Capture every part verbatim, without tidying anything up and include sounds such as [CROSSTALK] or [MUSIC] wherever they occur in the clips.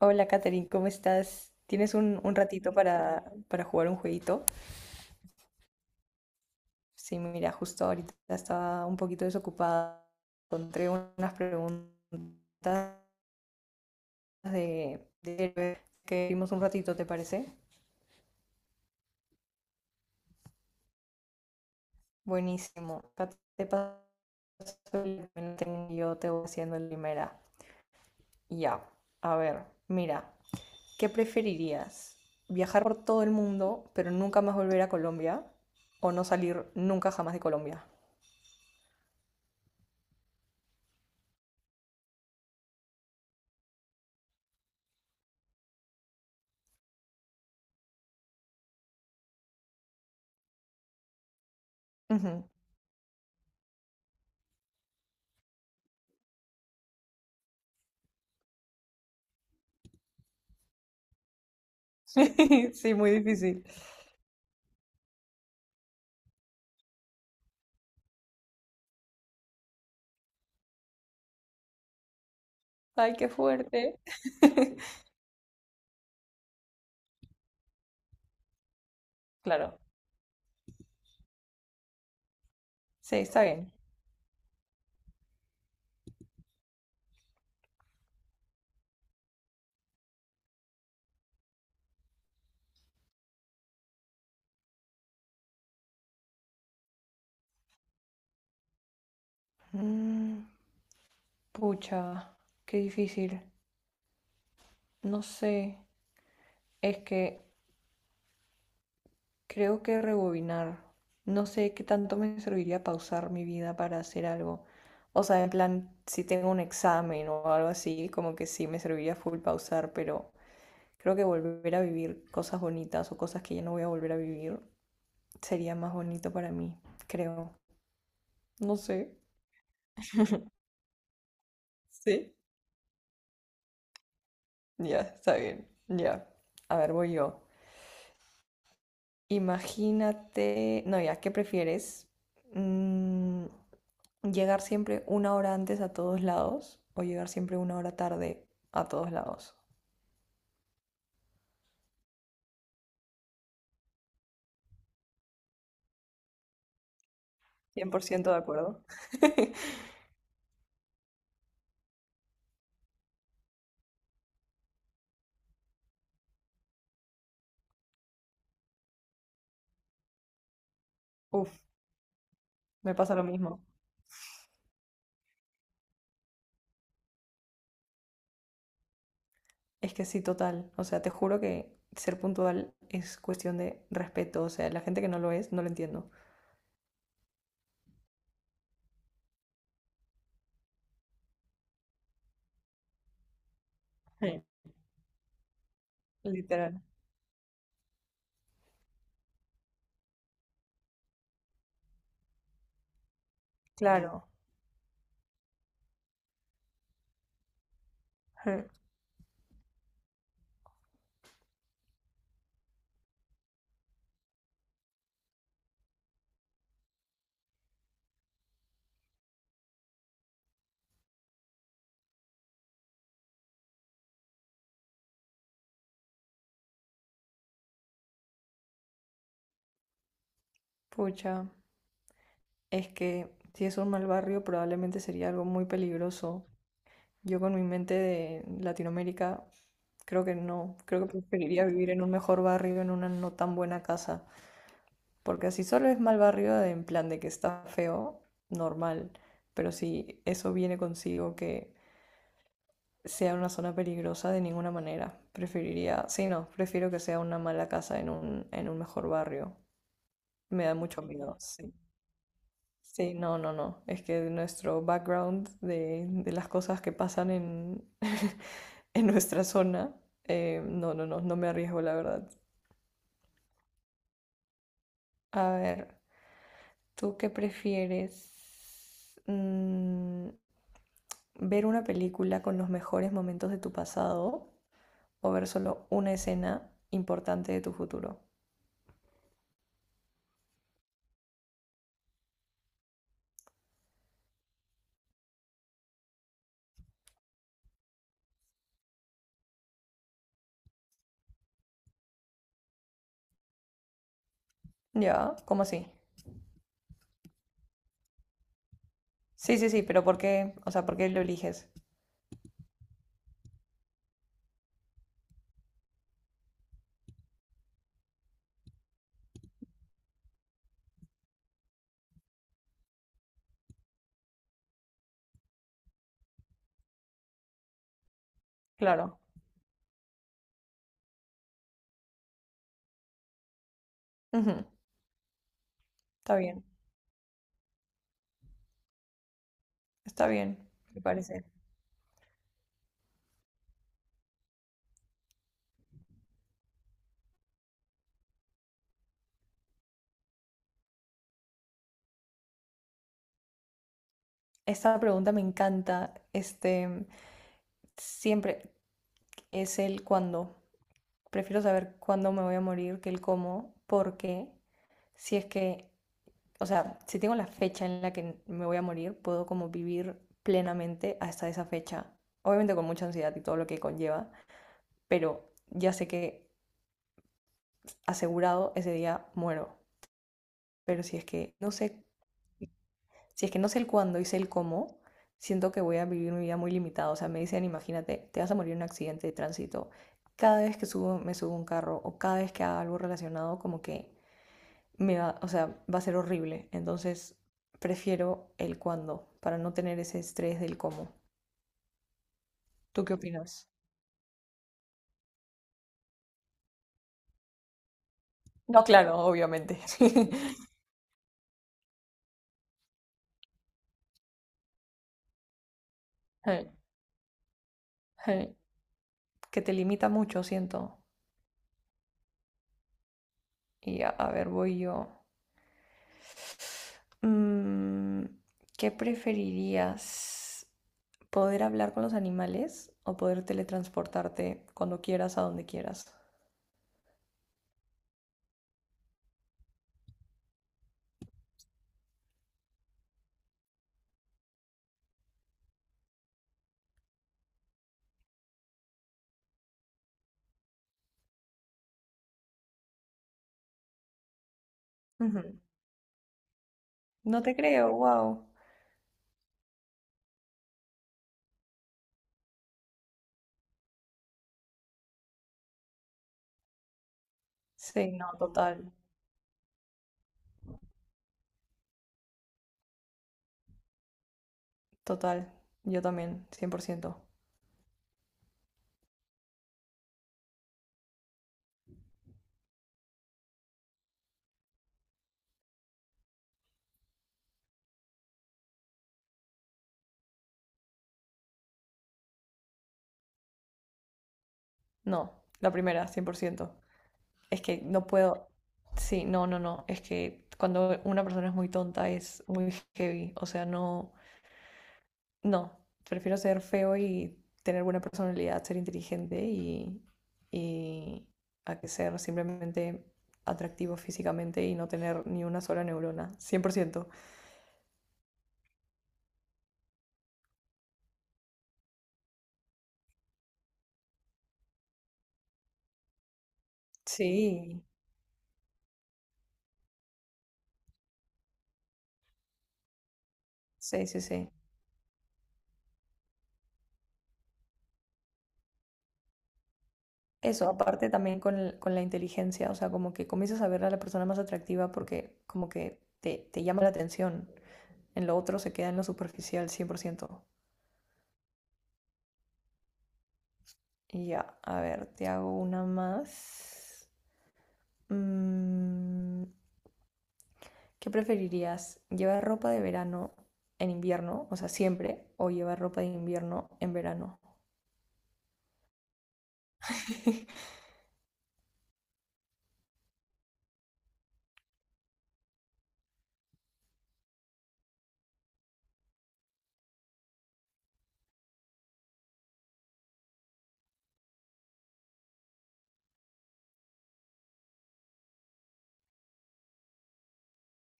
Hola, Katherine, ¿cómo estás? ¿Tienes un, un ratito para, para jugar un jueguito? Sí, mira, justo ahorita estaba un poquito desocupada. Encontré unas preguntas de, de que vimos un ratito, ¿te parece? Buenísimo. Acá te paso el link y yo te voy haciendo la primera. Ya, a ver, mira, ¿qué preferirías? ¿Viajar por todo el mundo, pero nunca más volver a Colombia? ¿O no salir nunca jamás de Colombia? Ujú. [LAUGHS] Sí, muy difícil. Ay, qué fuerte. [LAUGHS] Claro, sí, está bien. Mm, pucha, qué difícil. No sé, es que creo que rebobinar. No sé qué tanto me serviría pausar mi vida para hacer algo. O sea, en plan, si tengo un examen o algo así, como que sí me serviría full pausar, pero creo que volver a vivir cosas bonitas o cosas que ya no voy a volver a vivir sería más bonito para mí, creo. No sé. Sí. Ya, está bien. Ya. A ver, voy yo. Imagínate, no, ya, ¿qué prefieres? Mm, ¿llegar siempre una hora antes a todos lados o llegar siempre una hora tarde a todos lados? cien por ciento de acuerdo. [LAUGHS] Uf, me pasa lo mismo. Es que sí, total. O sea, te juro que ser puntual es cuestión de respeto. O sea, la gente que no lo es, no lo entiendo. Sí. Literal. Claro. Sí. [LAUGHS] Pucha. Es que si es un mal barrio, probablemente sería algo muy peligroso. Yo con mi mente de Latinoamérica, creo que no. Creo que preferiría vivir en un mejor barrio, en una no tan buena casa. Porque si solo es mal barrio, de- en plan de que está feo, normal. Pero si eso viene consigo que sea una zona peligrosa, de ninguna manera. Preferiría, sí, no, prefiero que sea una mala casa en un, en un mejor barrio. Me da mucho miedo, sí. Sí, no, no, no. Es que nuestro background de, de las cosas que pasan en, [LAUGHS] en nuestra zona, eh, no, no, no, no me arriesgo, la verdad. A ver, ¿tú qué prefieres? Mm, ¿ver una película con los mejores momentos de tu pasado o ver solo una escena importante de tu futuro? Ya, ¿cómo así? Sí, sí, sí, pero ¿por qué? O sea, ¿por qué lo eliges? Claro. Ujú. Está bien, está bien, me parece. Esta pregunta me encanta. Este, siempre es el cuándo. Prefiero saber cuándo me voy a morir que el cómo, porque si es que, o sea, si tengo la fecha en la que me voy a morir, puedo como vivir plenamente hasta esa fecha. Obviamente con mucha ansiedad y todo lo que conlleva, pero ya sé que asegurado ese día muero. Pero si es que no sé si es que no sé el cuándo y sé el cómo, siento que voy a vivir mi vida muy limitada. O sea, me dicen, imagínate, te vas a morir en un accidente de tránsito. Cada vez que subo, me subo a un carro o cada vez que haga algo relacionado, como que me va, o sea, va a ser horrible. Entonces, prefiero el cuándo para no tener ese estrés del cómo. ¿Tú qué opinas? No, claro, obviamente. [LAUGHS] Ay, ay, que te limita mucho, siento. Y a, a ver, voy yo. Mm, ¿qué preferirías? Poder hablar con los animales o poder teletransportarte cuando quieras a donde quieras. Ujú. No te creo, wow. Sí, no, total, total. Yo también, cien por ciento. No, la primera, cien por ciento. Es que no puedo. Sí, no, no, no. Es que cuando una persona es muy tonta es muy heavy. O sea, no, no, prefiero ser feo y tener buena personalidad, ser inteligente y, y a que ser simplemente atractivo físicamente y no tener ni una sola neurona, cien por ciento. Sí, sí, sí, sí. Eso, aparte también con, el- con la inteligencia, o sea, como que comienzas a ver a la persona más atractiva porque como que te, te llama la atención. En lo otro se queda en lo superficial cien por ciento. Y ya, a ver, te hago una más. Mm, ¿Qué preferirías? ¿Llevar ropa de verano en invierno, o sea, siempre, o llevar ropa de invierno en verano? [LAUGHS]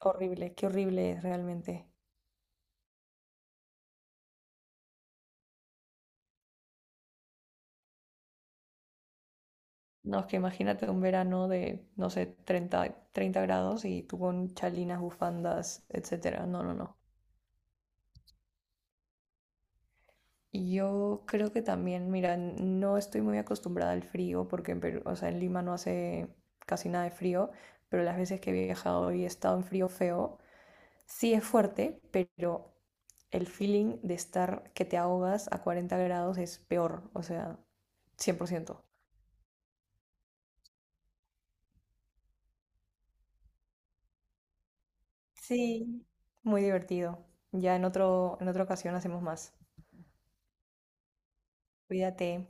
Horrible, qué horrible es realmente. No, es que imagínate un verano de, no sé, treinta treinta grados y tú con chalinas, bufandas, etcétera. No, no, no. Y yo creo que también, mira, no estoy muy acostumbrada al frío porque en Perú- o sea, en Lima no hace casi nada de frío, pero las veces que he viajado y he estado en frío feo, sí es fuerte, pero el feeling de estar que te ahogas a cuarenta grados es peor, o sea, cien por ciento. Sí, muy divertido. Ya en otro, en otra ocasión hacemos más. Cuídate.